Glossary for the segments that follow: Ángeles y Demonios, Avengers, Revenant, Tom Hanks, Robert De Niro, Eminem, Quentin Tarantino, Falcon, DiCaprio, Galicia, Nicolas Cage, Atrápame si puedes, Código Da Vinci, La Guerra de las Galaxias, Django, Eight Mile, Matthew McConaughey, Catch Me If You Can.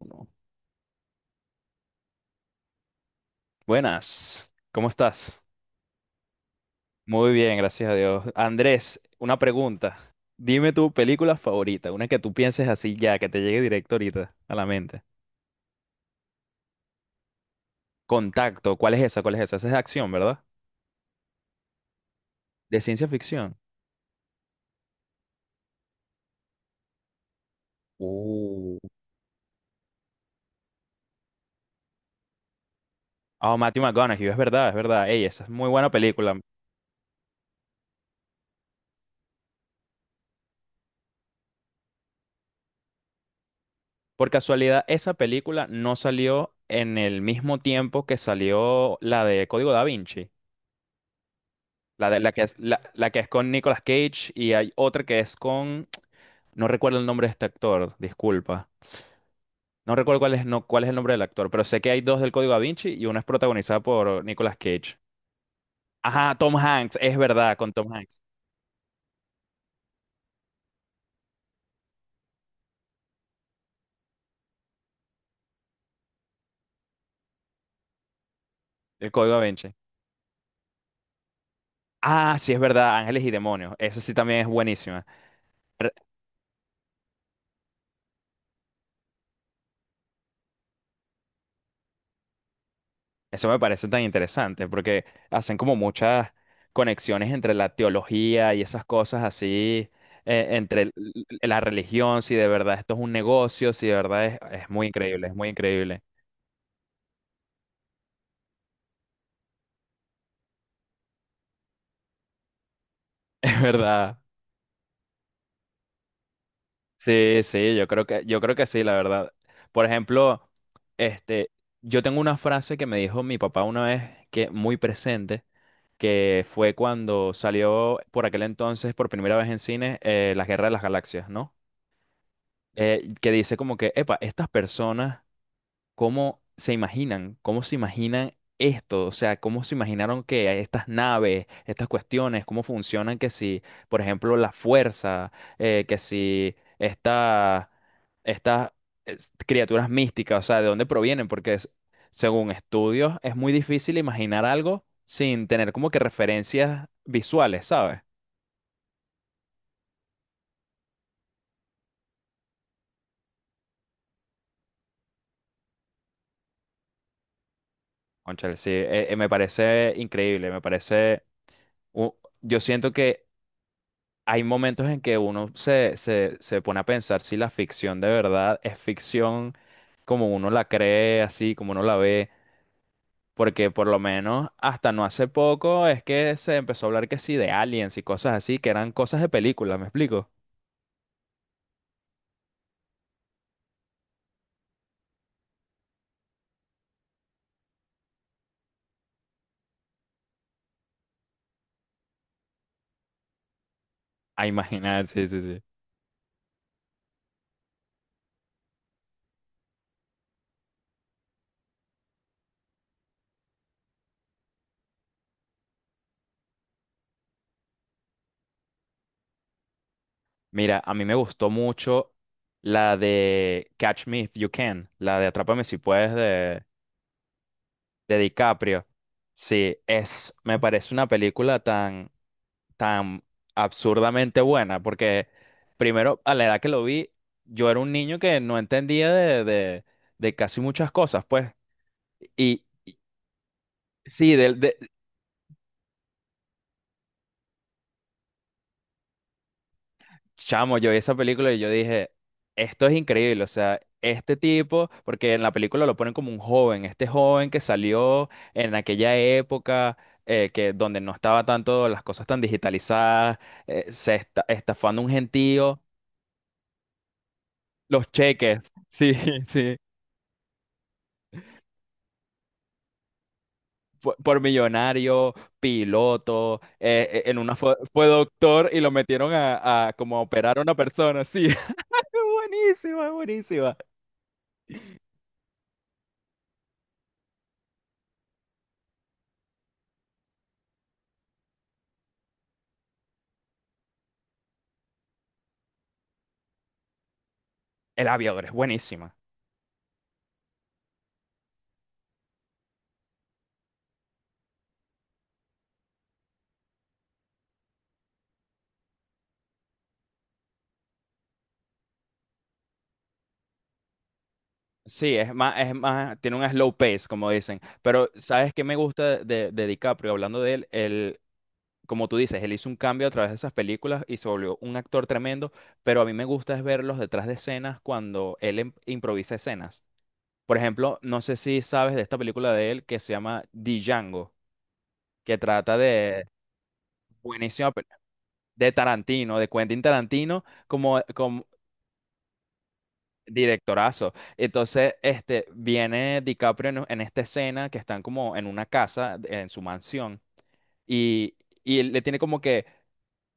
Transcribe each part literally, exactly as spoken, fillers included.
Uno. Buenas, ¿cómo estás? Muy bien, gracias a Dios. Andrés, una pregunta. Dime tu película favorita, una que tú pienses así ya, que te llegue directo ahorita a la mente. Contacto, ¿cuál es esa? ¿Cuál es esa? Esa es de acción, ¿verdad? De ciencia ficción. Uh. Oh, Matthew McConaughey, es verdad, es verdad. Ey, esa es muy buena película. Por casualidad, esa película no salió en el mismo tiempo que salió la de Código Da Vinci. La, de, la, que es, la, la que es con Nicolas Cage y hay otra que es con. No recuerdo el nombre de este actor, disculpa. No recuerdo cuál es, no, cuál es el nombre del actor, pero sé que hay dos del Código Da Vinci y uno es protagonizado por Nicolas Cage. Ajá, Tom Hanks, es verdad, con Tom Hanks, el Código Da Vinci. Ah, sí, es verdad, Ángeles y Demonios. Esa sí también es buenísima. Pero Eso me parece tan interesante porque hacen como muchas conexiones entre la teología y esas cosas así, eh, entre l- l- la religión, si de verdad esto es un negocio, si de verdad es, es muy increíble, es muy increíble, es verdad. Sí, sí, yo creo que, yo creo que sí, la verdad. Por ejemplo, este, yo tengo una frase que me dijo mi papá una vez que muy presente, que fue cuando salió por aquel entonces por primera vez en cine eh, La Guerra de las Galaxias, ¿no? Eh, que dice como que, epa, estas personas cómo se imaginan, cómo se imaginan esto, o sea, cómo se imaginaron que estas naves, estas cuestiones, cómo funcionan, que si, por ejemplo, la fuerza, eh, que si esta, estas es, criaturas místicas, o sea, de dónde provienen, porque es- según estudios es muy difícil imaginar algo sin tener como que referencias visuales, ¿sabes? Cónchale, sí, eh, eh, me parece increíble, me parece. u- yo siento que hay momentos en que uno se, se, se pone a pensar si la ficción de verdad es ficción como uno la cree, así como uno la ve, porque por lo menos hasta no hace poco es que se empezó a hablar que sí de aliens y cosas así, que eran cosas de películas, ¿me explico? A imaginar, sí, sí, sí. Mira, a mí me gustó mucho la de Catch Me If You Can, la de Atrápame si puedes de, de DiCaprio. Sí, es, me parece una película tan, tan absurdamente buena, porque primero, a la edad que lo vi, yo era un niño que no entendía de, de, de casi muchas cosas, pues. Y sí, del- de, Chamo, yo vi esa película y yo dije, esto es increíble, o sea, este tipo, porque en la película lo ponen como un joven, este joven que salió en aquella época eh, que donde no estaba tanto las cosas tan digitalizadas, eh, se esta- estafando un gentío, los cheques, sí, sí, fue- por, millonario, piloto, eh, eh, en una fue, fue doctor y lo metieron a, a como a operar a una persona, sí, buenísima, buenísima. El aviador es buenísima. Sí, es más, es más, tiene un slow pace, como dicen. Pero, ¿sabes qué me gusta de, de DiCaprio? Hablando de él, él, como tú dices, él hizo un cambio a través de esas películas y se volvió un actor tremendo, pero a mí me gusta es verlos detrás de escenas cuando él em- improvisa escenas. Por ejemplo, no sé si sabes de esta película de él que se llama Django, que trata de. Buenísima, pe- de Tarantino, de Quentin Tarantino, como, Directorazo. Entonces, este, viene DiCaprio en, en esta escena que están como en una casa, en su mansión, y, y él le tiene como que,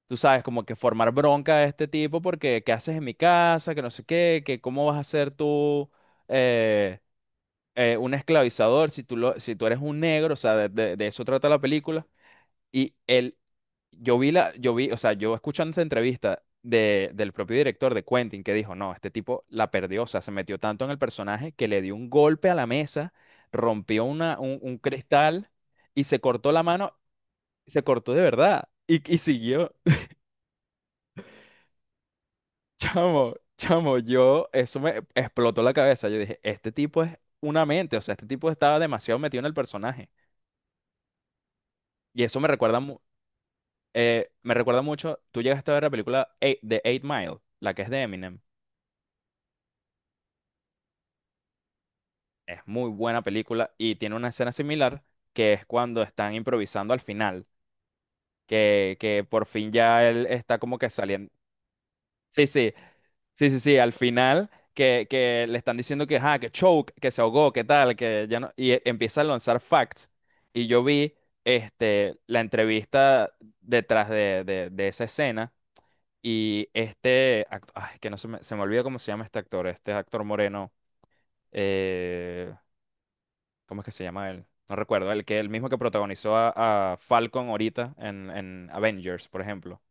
tú sabes, como que formar bronca a este tipo porque, ¿qué haces en mi casa? Que no sé qué, que cómo vas a ser tú eh, eh, un esclavizador si tú, lo, si tú eres un negro, o sea, de, de- de eso trata la película. Y él yo vi la, yo vi, O sea, yo escuchando esta entrevista de, del propio director de Quentin que dijo, no, este tipo la perdió, o sea, se metió tanto en el personaje que le dio un golpe a la mesa, rompió una, un, un cristal y se cortó la mano, se cortó de verdad y, y siguió. Chamo, chamo, yo, eso me explotó la cabeza. Yo dije, este tipo es una mente, o sea, este tipo estaba demasiado metido en el personaje. Y eso me recuerda, mu- eh, me recuerda mucho, tú llegaste a ver la película Eight- de Eight Mile, la que es de Eminem. Es muy buena película y tiene una escena similar que es cuando están improvisando al final, que, que por fin ya él está como que saliendo. Sí, sí, sí, sí, sí, al final que, que le están diciendo que, ah, que choke, que se ahogó, que tal, que ya no, y e- empieza a lanzar facts. Y yo vi este, la entrevista detrás de, de, de esa escena y este, act- ay, que no se me, se me olvida cómo se llama este actor, este actor moreno. eh, ¿Cómo es que se llama él? No recuerdo. El que el mismo que protagonizó a, a Falcon ahorita en, en Avengers, por ejemplo.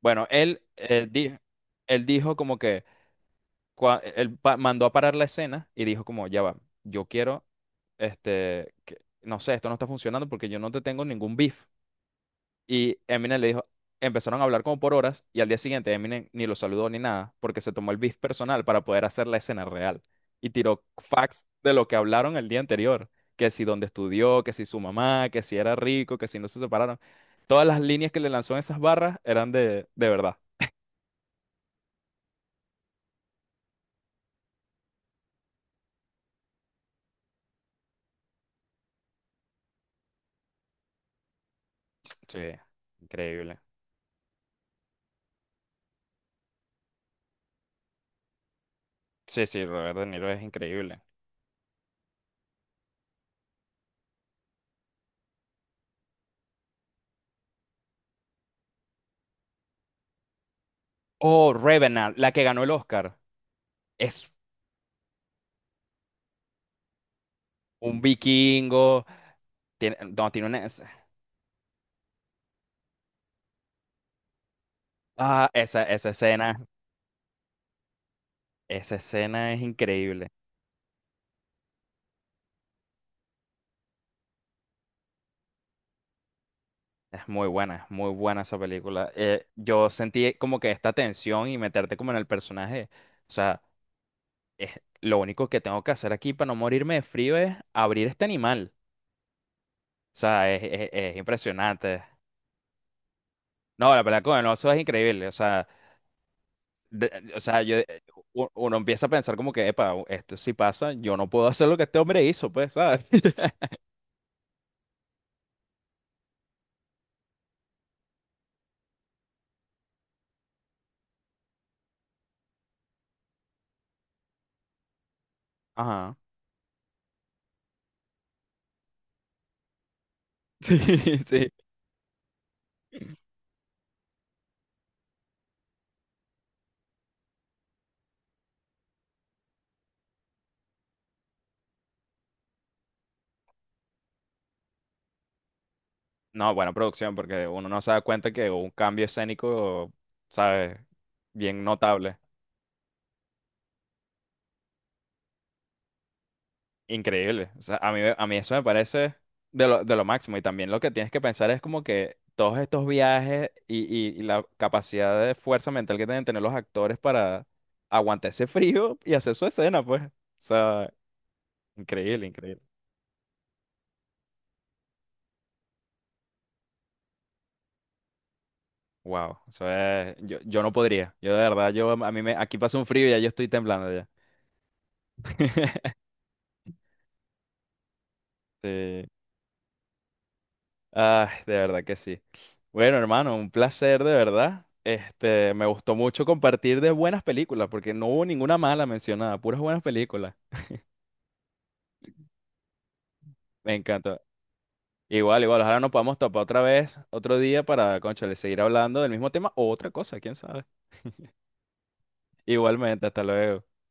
Bueno, él, eh, di- él dijo como que cua- él pa- mandó a parar la escena y dijo como, ya va, yo quiero, este, que- no sé, esto no está funcionando porque yo no te tengo ningún beef. Y Eminem le dijo, empezaron a hablar como por horas y al día siguiente Eminem ni lo saludó ni nada porque se tomó el beef personal para poder hacer la escena real y tiró facts de lo que hablaron el día anterior, que si dónde estudió, que si su mamá, que si era rico, que si no se separaron. Todas las líneas que le lanzó en esas barras eran de, de verdad. Sí, increíble. Sí, sí, Robert De Niro es increíble. Oh, Revenant, la que ganó el Oscar. Es un vikingo. Tiene, no, tiene una. es- Ah, esa, esa escena. Esa escena es increíble. Es muy buena, es muy buena esa película. Eh, yo sentí como que esta tensión y meterte como en el personaje. O sea, es, lo único que tengo que hacer aquí para no morirme de frío es abrir este animal. O sea, es, es- es impresionante. No, la pelea con el oso es increíble. O sea, de- o sea, yo, eh, u- uno empieza a pensar como que, epa, esto sí pasa, yo no puedo hacer lo que este hombre hizo, pues, ¿sabes? Ajá. Sí, sí. No, buena producción, porque uno no se da cuenta que hubo un cambio escénico, ¿sabes? Bien notable, increíble. O sea, a mí, a mí eso me parece de lo, de lo máximo. Y también lo que tienes que pensar es como que todos estos viajes y, y- y la capacidad de fuerza mental que tienen que tener los actores para aguantar ese frío y hacer su escena, pues. O sea, increíble, increíble. Wow, eso es, yo, yo no podría. Yo de verdad, yo a mí me, aquí pasa un frío y ya yo estoy temblando ya. Sí. Ah, de verdad que sí. Bueno, hermano, un placer de verdad. Este, me gustó mucho compartir de buenas películas, porque no hubo ninguna mala mencionada, puras buenas películas. Me encanta. Igual, igual, ojalá nos podamos topar otra vez, otro día para, cónchale, seguir hablando del mismo tema o otra cosa, quién sabe. Igualmente, hasta luego.